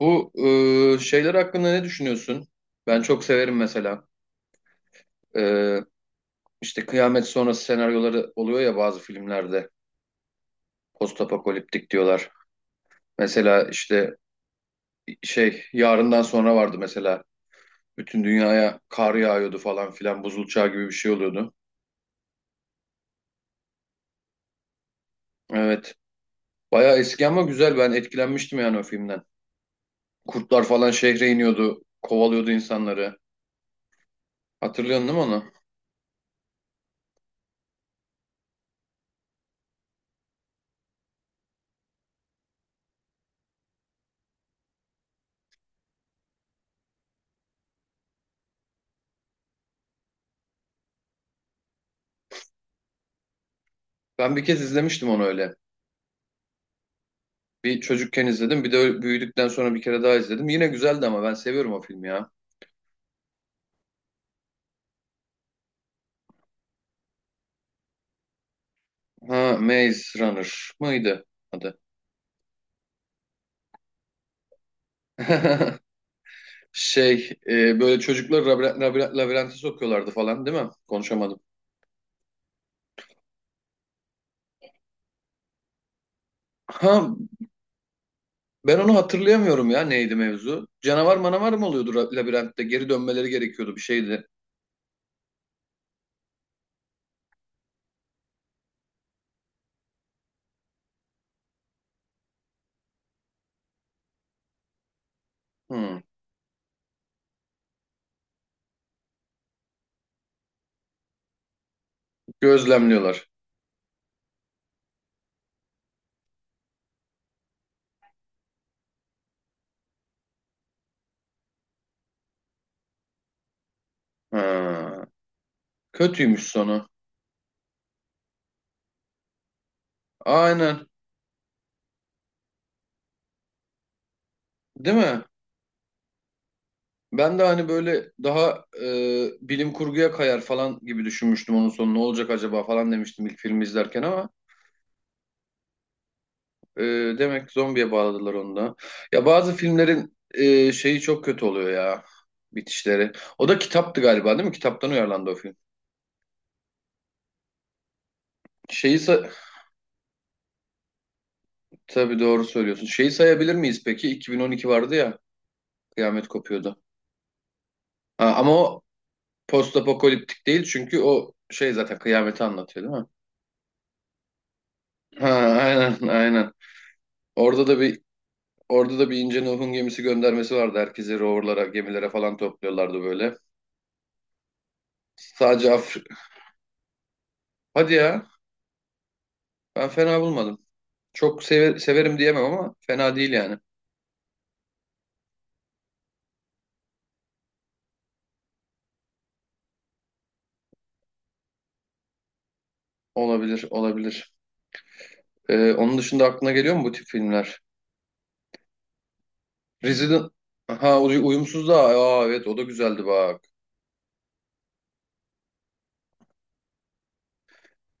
Bu şeyler hakkında ne düşünüyorsun? Ben çok severim mesela. E, işte kıyamet sonrası senaryoları oluyor ya bazı filmlerde. Postapokaliptik diyorlar. Mesela işte şey yarından sonra vardı mesela. Bütün dünyaya kar yağıyordu falan filan. Buzul çağı gibi bir şey oluyordu. Evet. Bayağı eski ama güzel. Ben etkilenmiştim yani o filmden. Kurtlar falan şehre iniyordu. Kovalıyordu insanları. Hatırlıyorsun değil mi onu? Ben bir kez izlemiştim onu öyle. Bir çocukken izledim. Bir de büyüdükten sonra bir kere daha izledim. Yine güzeldi ama ben seviyorum o filmi ya. Ha, Maze Runner mıydı adı? Şey, böyle çocuklar labirente sokuyorlardı falan değil mi? Konuşamadım. Ha, ben onu hatırlayamıyorum ya, neydi mevzu? Canavar manavar mı oluyordu labirentte? Geri dönmeleri gerekiyordu, bir şeydi. Hmm. Gözlemliyorlar. Ha, kötüymüş sonu. Aynen. Değil mi? Ben de hani böyle daha bilim kurguya kayar falan gibi düşünmüştüm, onun sonu ne olacak acaba falan demiştim ilk filmi izlerken ama e, demek ki zombiye bağladılar onu da. Ya bazı filmlerin şeyi çok kötü oluyor ya, bitişleri. O da kitaptı galiba değil mi? Kitaptan uyarlandı o film. Şeyi sa Tabii doğru söylüyorsun. Şeyi sayabilir miyiz peki? 2012 vardı ya, kıyamet kopuyordu. Ha, ama o postapokaliptik değil, çünkü o şey zaten kıyameti anlatıyor değil mi? Ha, aynen aynen. Orada da bir Orada da bir ince Nuh'un gemisi göndermesi vardı. Herkesi roverlara, gemilere falan topluyorlardı böyle. Sadece Afrika. Hadi ya. Ben fena bulmadım. Çok severim diyemem ama fena değil yani. Olabilir, olabilir. Onun dışında aklına geliyor mu bu tip filmler? Resident... Ha, uyumsuz da. Aa, evet, o da güzeldi bak.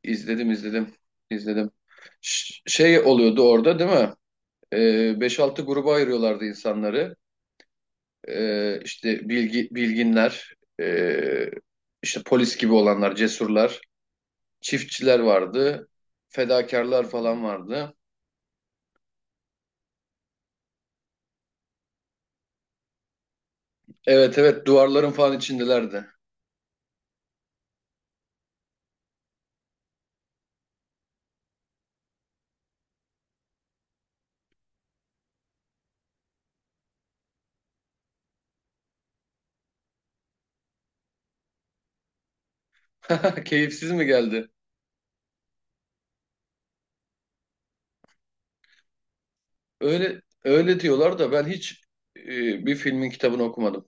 İzledim, izledim, izledim. Şey oluyordu orada değil mi? Ee, 5-6 gruba ayırıyorlardı insanları. İşte bilginler, ee, işte polis gibi olanlar, cesurlar, çiftçiler vardı, fedakarlar falan vardı. Evet, evet, duvarların falan içindelerdi. Keyifsiz mi geldi? Öyle öyle diyorlar da ben hiç bir filmin kitabını okumadım.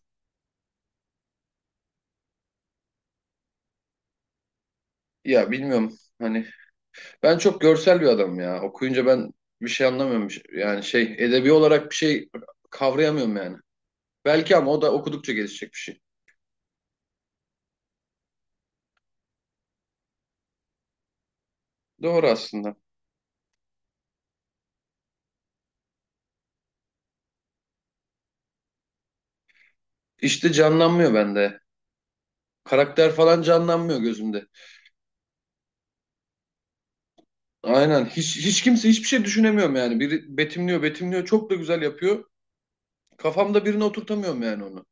Ya bilmiyorum, hani ben çok görsel bir adamım ya. Okuyunca ben bir şey anlamıyorum. Yani şey edebi olarak bir şey kavrayamıyorum yani. Belki, ama o da okudukça gelişecek bir şey. Doğru aslında. İşte canlanmıyor bende. Karakter falan canlanmıyor gözümde. Aynen. Hiç kimse, hiçbir şey düşünemiyorum yani. Biri betimliyor, betimliyor. Çok da güzel yapıyor. Kafamda birine oturtamıyorum yani onu.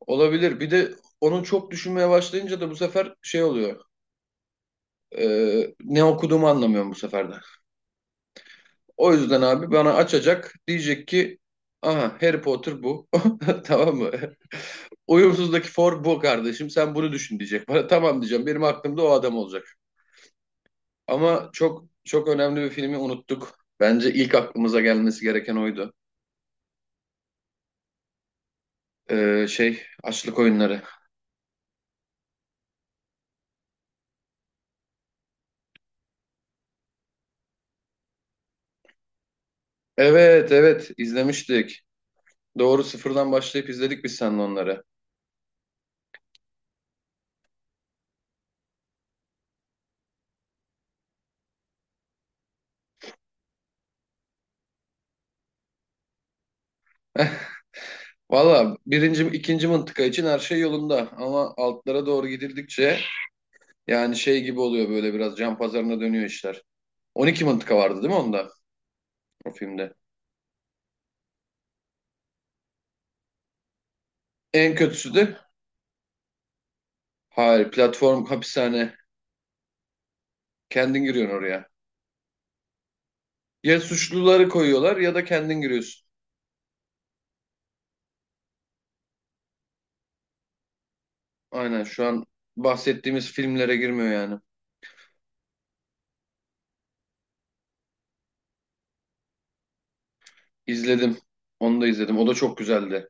Olabilir. Bir de onu çok düşünmeye başlayınca da bu sefer şey oluyor. Ne okuduğumu anlamıyorum bu sefer de. O yüzden abi bana açacak. Diyecek ki aha, Harry Potter bu. Tamam mı? Uyumsuzdaki for bu kardeşim. Sen bunu düşün diyecek bana. Tamam diyeceğim. Benim aklımda o adam olacak. Ama çok çok önemli bir filmi unuttuk. Bence ilk aklımıza gelmesi gereken oydu. Açlık Oyunları. Evet, evet, izlemiştik. Doğru, sıfırdan başlayıp izledik biz seninle onları. Valla birinci, ikinci mıntıka için her şey yolunda. Ama altlara doğru gidildikçe yani şey gibi oluyor böyle, biraz can pazarına dönüyor işler. 12 mıntıka vardı değil mi onda, o filmde? En kötüsü de hayır, platform hapishane. Kendin giriyorsun oraya. Ya suçluları koyuyorlar ya da kendin giriyorsun. Aynen, şu an bahsettiğimiz filmlere girmiyor yani. İzledim. Onu da izledim. O da çok güzeldi.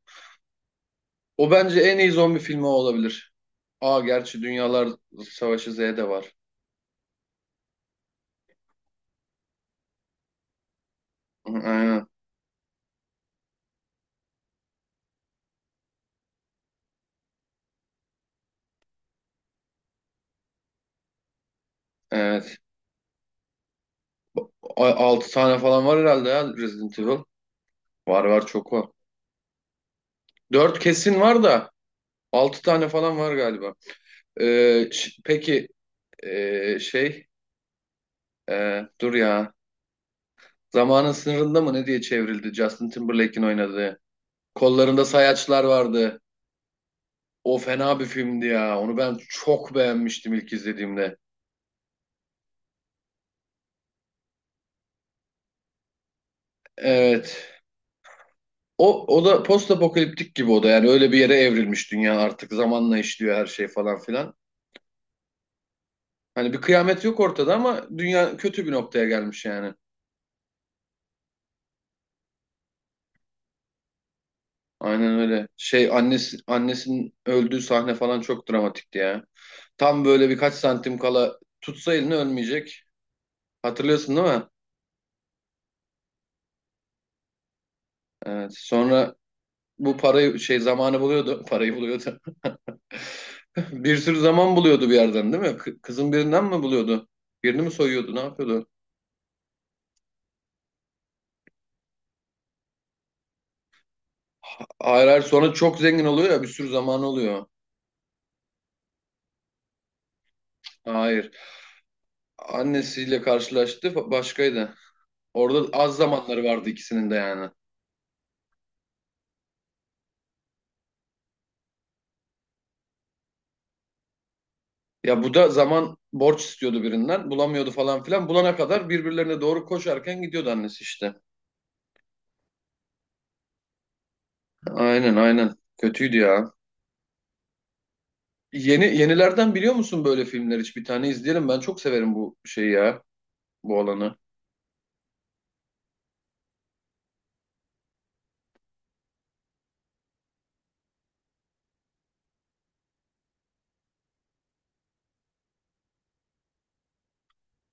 O bence en iyi zombi filmi, o olabilir. Aa, gerçi Dünyalar Savaşı Z de var. Hı, aynen. Evet. 6 tane falan var herhalde ya, Resident Evil. Var var çok var. 4 kesin var da, 6 tane falan var galiba. Peki, ee, şey dur ya. Zamanın sınırında mı ne diye çevrildi Justin Timberlake'in oynadığı. Kollarında sayaçlar vardı. O fena bir filmdi ya. Onu ben çok beğenmiştim ilk izlediğimde. Evet. O, o da postapokaliptik gibi, o da. Yani öyle bir yere evrilmiş dünya artık. Zamanla işliyor her şey falan filan. Hani bir kıyamet yok ortada ama dünya kötü bir noktaya gelmiş yani. Aynen öyle. Şey annesi, annesinin öldüğü sahne falan çok dramatikti ya. Tam böyle birkaç santim kala tutsa elini ölmeyecek. Hatırlıyorsun değil mi? Evet. Sonra bu parayı şey zamanı buluyordu. Parayı buluyordu. Bir sürü zaman buluyordu bir yerden değil mi? Kızın birinden mi buluyordu? Birini mi soyuyordu? Ne yapıyordu? Hayır, hayır, sonra çok zengin oluyor ya, bir sürü zaman oluyor. Hayır. Annesiyle karşılaştı başkaydı. Orada az zamanları vardı ikisinin de yani. Ya bu da zaman borç istiyordu birinden. Bulamıyordu falan filan. Bulana kadar birbirlerine doğru koşarken gidiyordu annesi işte. Aynen aynen. Kötüydü ya. Yeni yenilerden biliyor musun böyle filmler hiç? Bir tane izleyelim. Ben çok severim bu şeyi ya. Bu alanı.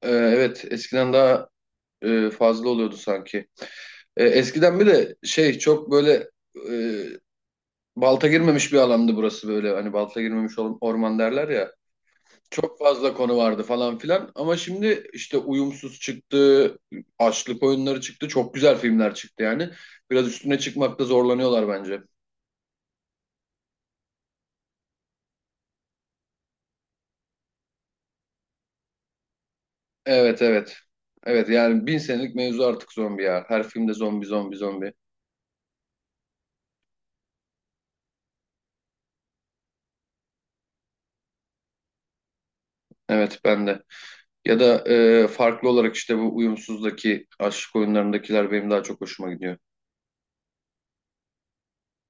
Evet, eskiden daha fazla oluyordu sanki. Eskiden bir de şey çok böyle e, balta girmemiş bir alandı burası, böyle hani balta girmemiş orman derler ya. Çok fazla konu vardı falan filan ama şimdi işte uyumsuz çıktı, açlık oyunları çıktı, çok güzel filmler çıktı yani. Biraz üstüne çıkmakta zorlanıyorlar bence. Evet, evet. Evet yani bin senelik mevzu artık zombi ya. Her filmde zombi zombi zombi. Evet ben de. Ya da farklı olarak işte bu uyumsuzdaki aşk oyunlarındakiler benim daha çok hoşuma gidiyor.